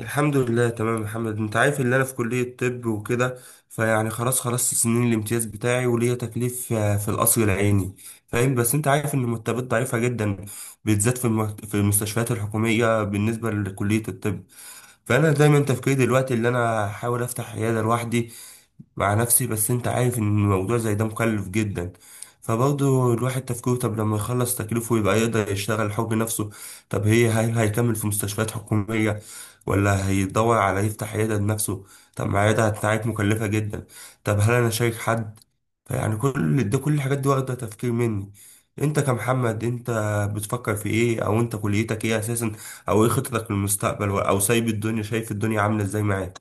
الحمد لله، تمام يا محمد. انت عارف ان انا في كلية طب وكده، فيعني خلاص خلصت سنين الامتياز بتاعي وليا تكليف في القصر العيني، فاهم. بس انت عارف ان المرتبات ضعيفة جدا، بالذات في في المستشفيات الحكومية بالنسبة لكلية الطب. فانا دايما تفكيري دلوقتي ان انا احاول افتح عيادة لوحدي مع نفسي، بس انت عارف ان الموضوع زي ده مكلف جدا. فبرضه الواحد تفكيره، طب لما يخلص تكليفه يبقى يقدر يشتغل حب نفسه. طب هل هيكمل في مستشفيات حكومية ولا هيدور على يفتح عيادة بنفسه؟ طب ما العيادة بتاعت مكلفة جدا. طب هل أنا شايك حد؟ فيعني كل ده، كل الحاجات دي واخدة تفكير مني. انت كمحمد، انت بتفكر في ايه؟ او انت كليتك ايه اساسا؟ او ايه خطتك للمستقبل؟ او سايب الدنيا، شايف الدنيا عاملة ازاي معاك؟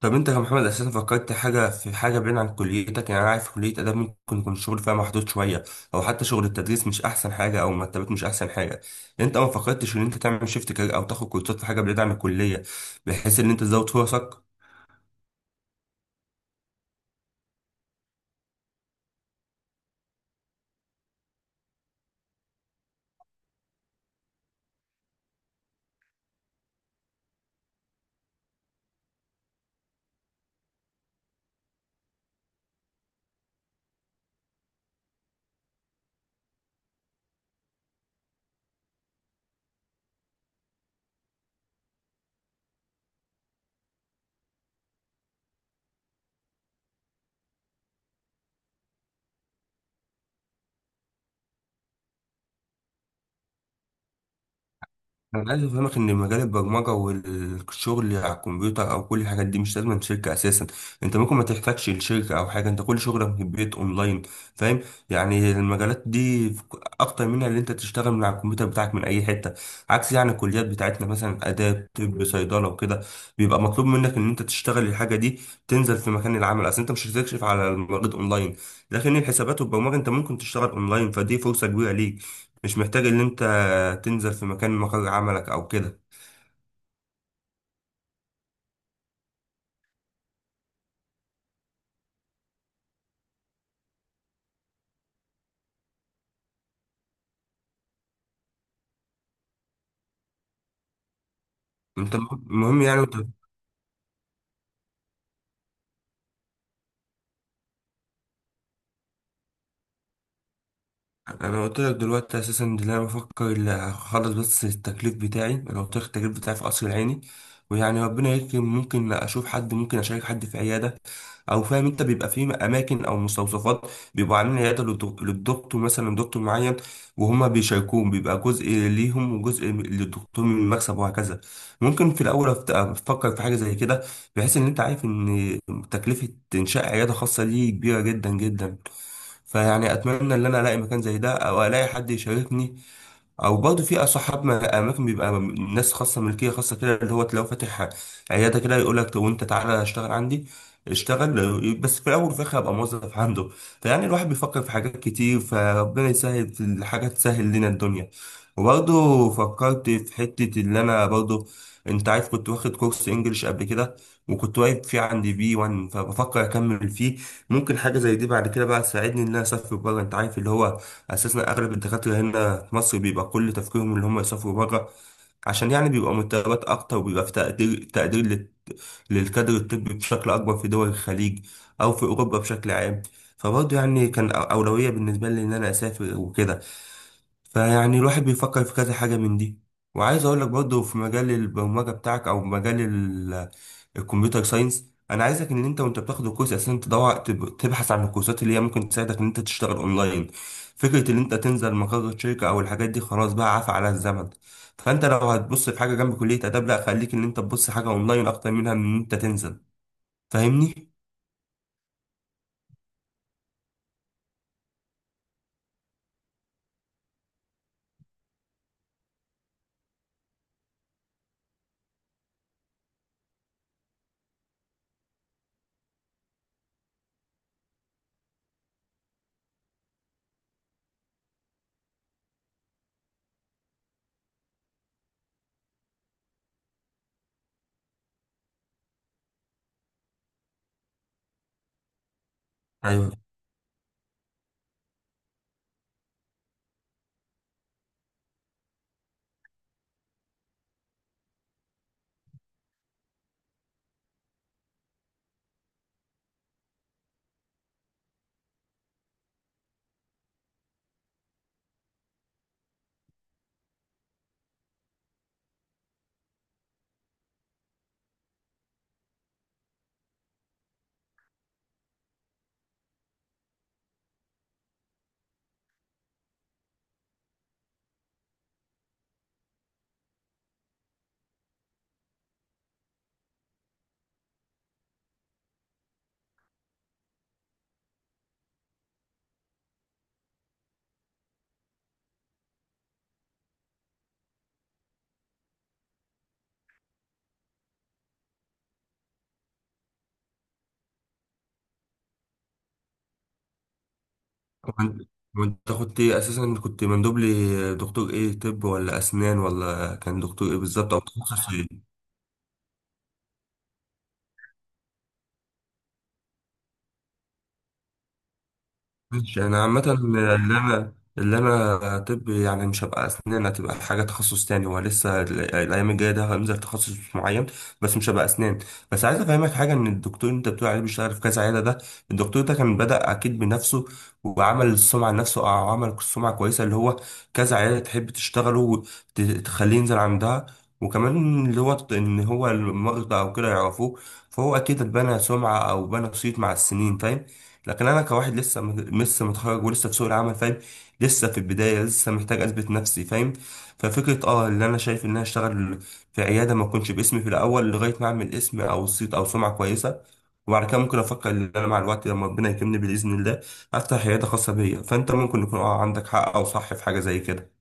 طب انت كمحمد اساسا فكرت حاجه، في حاجه بعيد عن كليتك؟ يعني انا عارف كليه اداب ممكن يكون الشغل فيها محدود شويه، او حتى شغل التدريس مش احسن حاجه او مرتبات مش احسن حاجه. انت ما فكرتش ان انت تعمل شيفت كارير او تاخد كورسات في حاجه بعيد عن الكليه، بحيث ان انت تزود فرصك؟ انا عايز افهمك ان مجال البرمجه والشغل على الكمبيوتر او كل الحاجات دي مش لازم شركه اساسا. انت ممكن ما تحتاجش الشركه او حاجه، انت كل شغلك في البيت اونلاين، فاهم؟ يعني المجالات دي اكتر منها اللي انت تشتغل من على الكمبيوتر بتاعك من اي حته، عكس يعني الكليات بتاعتنا مثلا اداب، طب، صيدله وكده، بيبقى مطلوب منك ان انت تشتغل الحاجه دي، تنزل في مكان العمل. اصل انت مش هتكشف على المريض اونلاين، لكن الحسابات والبرمجه انت ممكن تشتغل اونلاين، فدي فرصه كبيره ليك. مش محتاج ان انت هتنزل في مكان مقر عملك او كده. انت المهم يعني انت، انا قلت لك دلوقتي اساسا ان انا بفكر اخلص بس التكليف بتاعي. انا قلت لك التكليف بتاعي في قصر العيني، ويعني ربنا يكرم، ممكن اشوف حد، ممكن اشارك حد في عياده، او فاهم. انت بيبقى في اماكن او مستوصفات بيبقوا عاملين عياده للدكتور مثلا، دكتور معين، وهما بيشاركوهم، بيبقى جزء ليهم وجزء للدكتور من المكسب وهكذا. ممكن في الاول افكر في حاجه زي كده، بحيث ان انت عارف ان تكلفه انشاء عياده خاصه دي كبيره جدا جدا. فيعني اتمنى ان انا الاقي مكان زي ده او الاقي حد يشاركني، او برضه في صحابنا اماكن بيبقى ناس خاصه، ملكيه خاصه كده، اللي هو تلاقيه فاتح عياده كده، يقول لك وانت تعالى اشتغل عندي. اشتغل بس في الاول، وفي الاخر ابقى موظف عنده. فيعني الواحد بيفكر في حاجات كتير، فربنا يسهل في الحاجات، تسهل لنا الدنيا. وبرضه فكرت في حته اللي انا برضه، انت عارف كنت واخد كورس انجليش قبل كده، وكنت واقف فيه عندي بي 1، فبفكر اكمل فيه. ممكن حاجه زي دي بعد كده بقى تساعدني ان انا اسافر بره. انت عارف اللي هو اساسا اغلب الدكاتره هنا في مصر بيبقى كل تفكيرهم اللي هم يسافروا بره، عشان يعني بيبقى مرتبات اكتر وبيبقى في تقدير للكادر الطبي بشكل أكبر في دول الخليج أو في أوروبا بشكل عام. فبرضه يعني كان أولوية بالنسبة لي إن أنا أسافر وكده. فيعني الواحد بيفكر في كذا حاجة من دي. وعايز أقول لك برضه، في مجال البرمجة بتاعك أو مجال الكمبيوتر ساينس، أنا عايزك إن أنت، وأنت بتاخد الكورس أساسا، تدور تبحث عن الكورسات اللي هي ممكن تساعدك إن أنت تشتغل أونلاين. فكرة إن أنت تنزل مقر الشركة أو الحاجات دي خلاص بقى عفى على الزمن. فانت لو هتبص في حاجه جنب كليه اداب، لا، خليك ان انت تبص حاجه اونلاين اكتر منها من ان انت تنزل، فاهمني؟ ايوه. وانت وأنت كنت إيه اساسا؟ كنت مندوب لي دكتور ايه؟ طب ولا اسنان ولا كان دكتور ايه بالظبط، او تخصص ايه؟ ماشي. انا عامة اللي انا طب، يعني مش هبقى اسنان، هتبقى حاجة تخصص تاني. هو لسه الايام الجاية ده هنزل تخصص معين، بس مش هبقى اسنان. بس عايز افهمك حاجة، ان الدكتور اللي انت بتقول عليه بيشتغل في كذا عيادة ده، الدكتور ده كان بدأ اكيد بنفسه، وعمل السمعة لنفسه او عمل سمعة كويسة، اللي هو كذا عيادة تحب تشتغله وتخليه ينزل عندها، وكمان اللي هو ان هو المرضى او كده يعرفوه، فهو اكيد اتبنى سمعة او بنى صيت مع السنين، فاهم؟ لكن انا كواحد لسه لسه متخرج ولسه في سوق العمل، فاهم؟ لسه في البدايه، لسه محتاج اثبت نفسي، فاهم؟ ففكره اللي انا شايف ان انا اشتغل في عياده ما اكونش باسمي في الاول، لغايه ما اعمل اسم او صيت او سمعه كويسه، وبعد كده ممكن افكر ان انا مع الوقت لما ربنا يكرمني باذن الله افتح عياده خاصه بيا. فانت ممكن يكون عندك حق او صح في حاجه زي كده.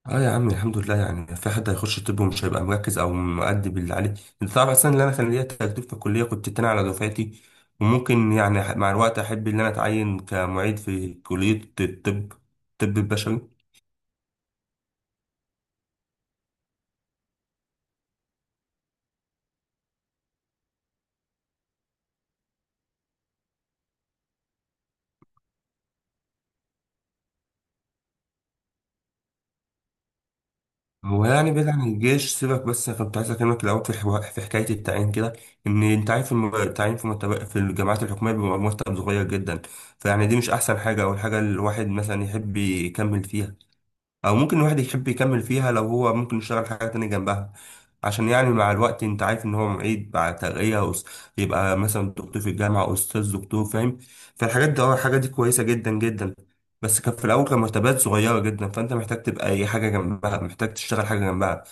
اه يا عم، الحمد لله. يعني في حد هيخش طب ومش هيبقى مركز او مؤدي باللي عليه؟ انت تعرف اصلا ان انا كان ليا تجربه في الكليه، كنت التاني على دفعتي. وممكن يعني مع الوقت احب ان انا اتعين كمعيد في كليه الطب، الطب البشري. هو يعني بعيد عن الجيش سيبك، بس أنا كنت عايز اكلمك الاول في في حكايه التعيين كده. ان انت عارف التعيين في في الجامعات الحكوميه بيبقى مرتب صغير جدا. فيعني دي مش احسن حاجه او الحاجه الواحد مثلا يحب يكمل فيها، او ممكن الواحد يحب يكمل فيها لو هو ممكن يشتغل حاجه تانية جنبها، عشان يعني مع الوقت انت عارف ان هو معيد بعد ترقيه يبقى مثلا دكتور في الجامعه او استاذ دكتور، فاهم؟ فالحاجات دي اه الحاجات دي كويسه جدا جدا. بس كان في الاول كان مرتبات صغيره جدا، فانت محتاج تبقى اي حاجه جنبها، محتاج تشتغل حاجه جنبها.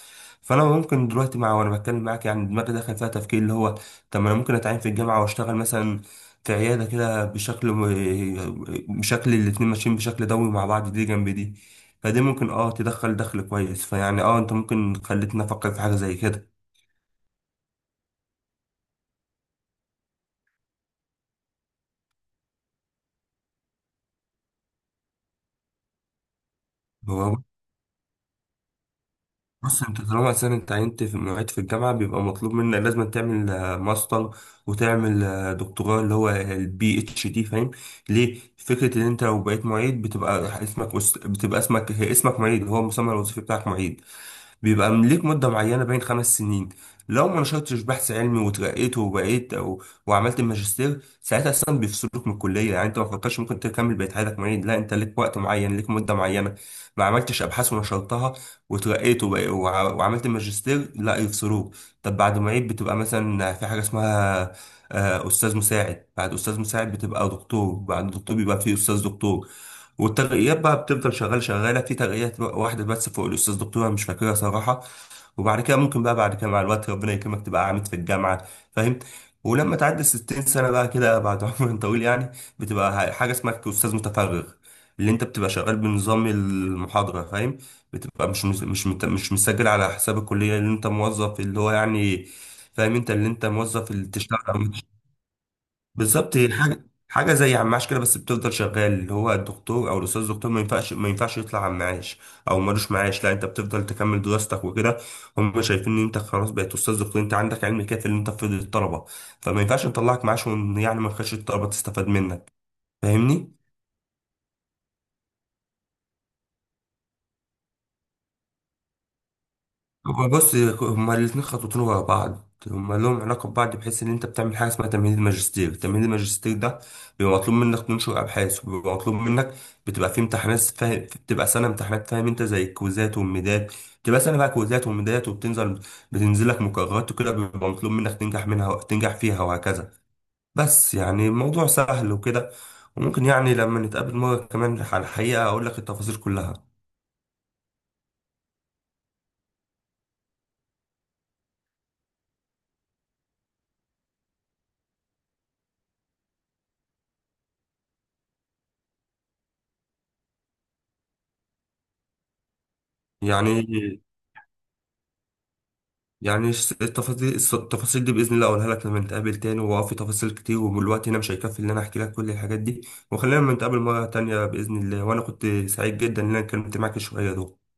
فانا ممكن دلوقتي، مع وانا بتكلم معاك يعني دماغي دخل فيها تفكير، اللي هو طب ما انا ممكن اتعين في الجامعه واشتغل مثلا في عياده كده بشكل بشكل الاتنين ماشيين بشكل دوري مع بعض، دي جنب دي. فدي ممكن تدخل دخل كويس، فيعني انت ممكن خلتني افكر في حاجه زي كده. هو بص، انت طالما اساسا انت عينت في معيد في الجامعه، بيبقى مطلوب منك لازم تعمل ماستر، وتعمل دكتوراه اللي هو البي اتش دي، فاهم؟ ليه؟ فكره ان انت لو بقيت معيد، بتبقى اسمك معيد، هو المسمى الوظيفي بتاعك معيد. بيبقى ليك مدة معينة بين 5 سنين، لو ما نشرتش بحث علمي وترقيت وبقيت أو وعملت الماجستير ساعتها أصلا بيفصلوك من الكلية. يعني أنت ما فكرتش ممكن تكمل بقية حياتك معيد؟ لا، أنت ليك وقت معين، ليك مدة معينة. ما عملتش أبحاث ونشرتها وترقيت وعملت الماجستير، لا، يفصلوك. طب بعد معيد بتبقى مثلا في حاجة اسمها أستاذ مساعد، بعد أستاذ مساعد بتبقى دكتور، بعد دكتور بيبقى فيه أستاذ دكتور. والترقيات بقى بتفضل شغاله في ترقيات بقى، واحده بس فوق الاستاذ دكتوره مش فاكرها صراحه. وبعد كده ممكن بقى بعد كده مع الوقت ربنا يكرمك تبقى عامد في الجامعه، فاهم؟ ولما تعدي 60 سنه بقى كده، بعد عمر طويل يعني، بتبقى حاجه اسمها استاذ متفرغ، اللي انت بتبقى شغال بنظام المحاضره، فاهم؟ بتبقى مش مسجل على حساب الكليه، اللي انت موظف اللي هو يعني، فاهم؟ انت اللي انت موظف اللي تشتغل. بالظبط، هي حاجه زي عماش كده، بس بتفضل شغال، اللي هو الدكتور او الاستاذ الدكتور ما ينفعش يطلع عماش، او ملوش معاش، لا، انت بتفضل تكمل دراستك وكده. هم شايفين ان انت خلاص بقيت استاذ دكتور، انت عندك علم كافي ان انت تفيد الطلبه، فما ينفعش نطلعك معاش وإن يعني ما نخش الطلبه تستفاد منك، فاهمني؟ هما بص، هما الاتنين خطوتين ورا بعض، هما لهم علاقة ببعض، بحيث إن أنت بتعمل حاجة اسمها تمهيد الماجستير. تمهيد الماجستير ده بيبقى مطلوب منك تنشر أبحاث، وبيبقى مطلوب منك بتبقى في امتحانات، فاهم؟ بتبقى سنة امتحانات، فاهم؟ أنت زي الكويزات والميدات، بتبقى سنة بقى كويزات وميدات، وبتنزل لك مقررات وكده، بيبقى مطلوب منك تنجح منها، تنجح فيها وهكذا. بس يعني الموضوع سهل وكده. وممكن يعني لما نتقابل مرة كمان على الحقيقة أقول لك التفاصيل كلها. يعني يعني التفاصيل دي باذن الله اقولها لك لما نتقابل تاني. واه، في تفاصيل كتير والوقت هنا مش هيكفي ان انا احكي لك كل الحاجات دي، وخلينا لما نتقابل مره تانية باذن الله. وانا كنت سعيد جدا ان انا اتكلمت معاك شويه دول.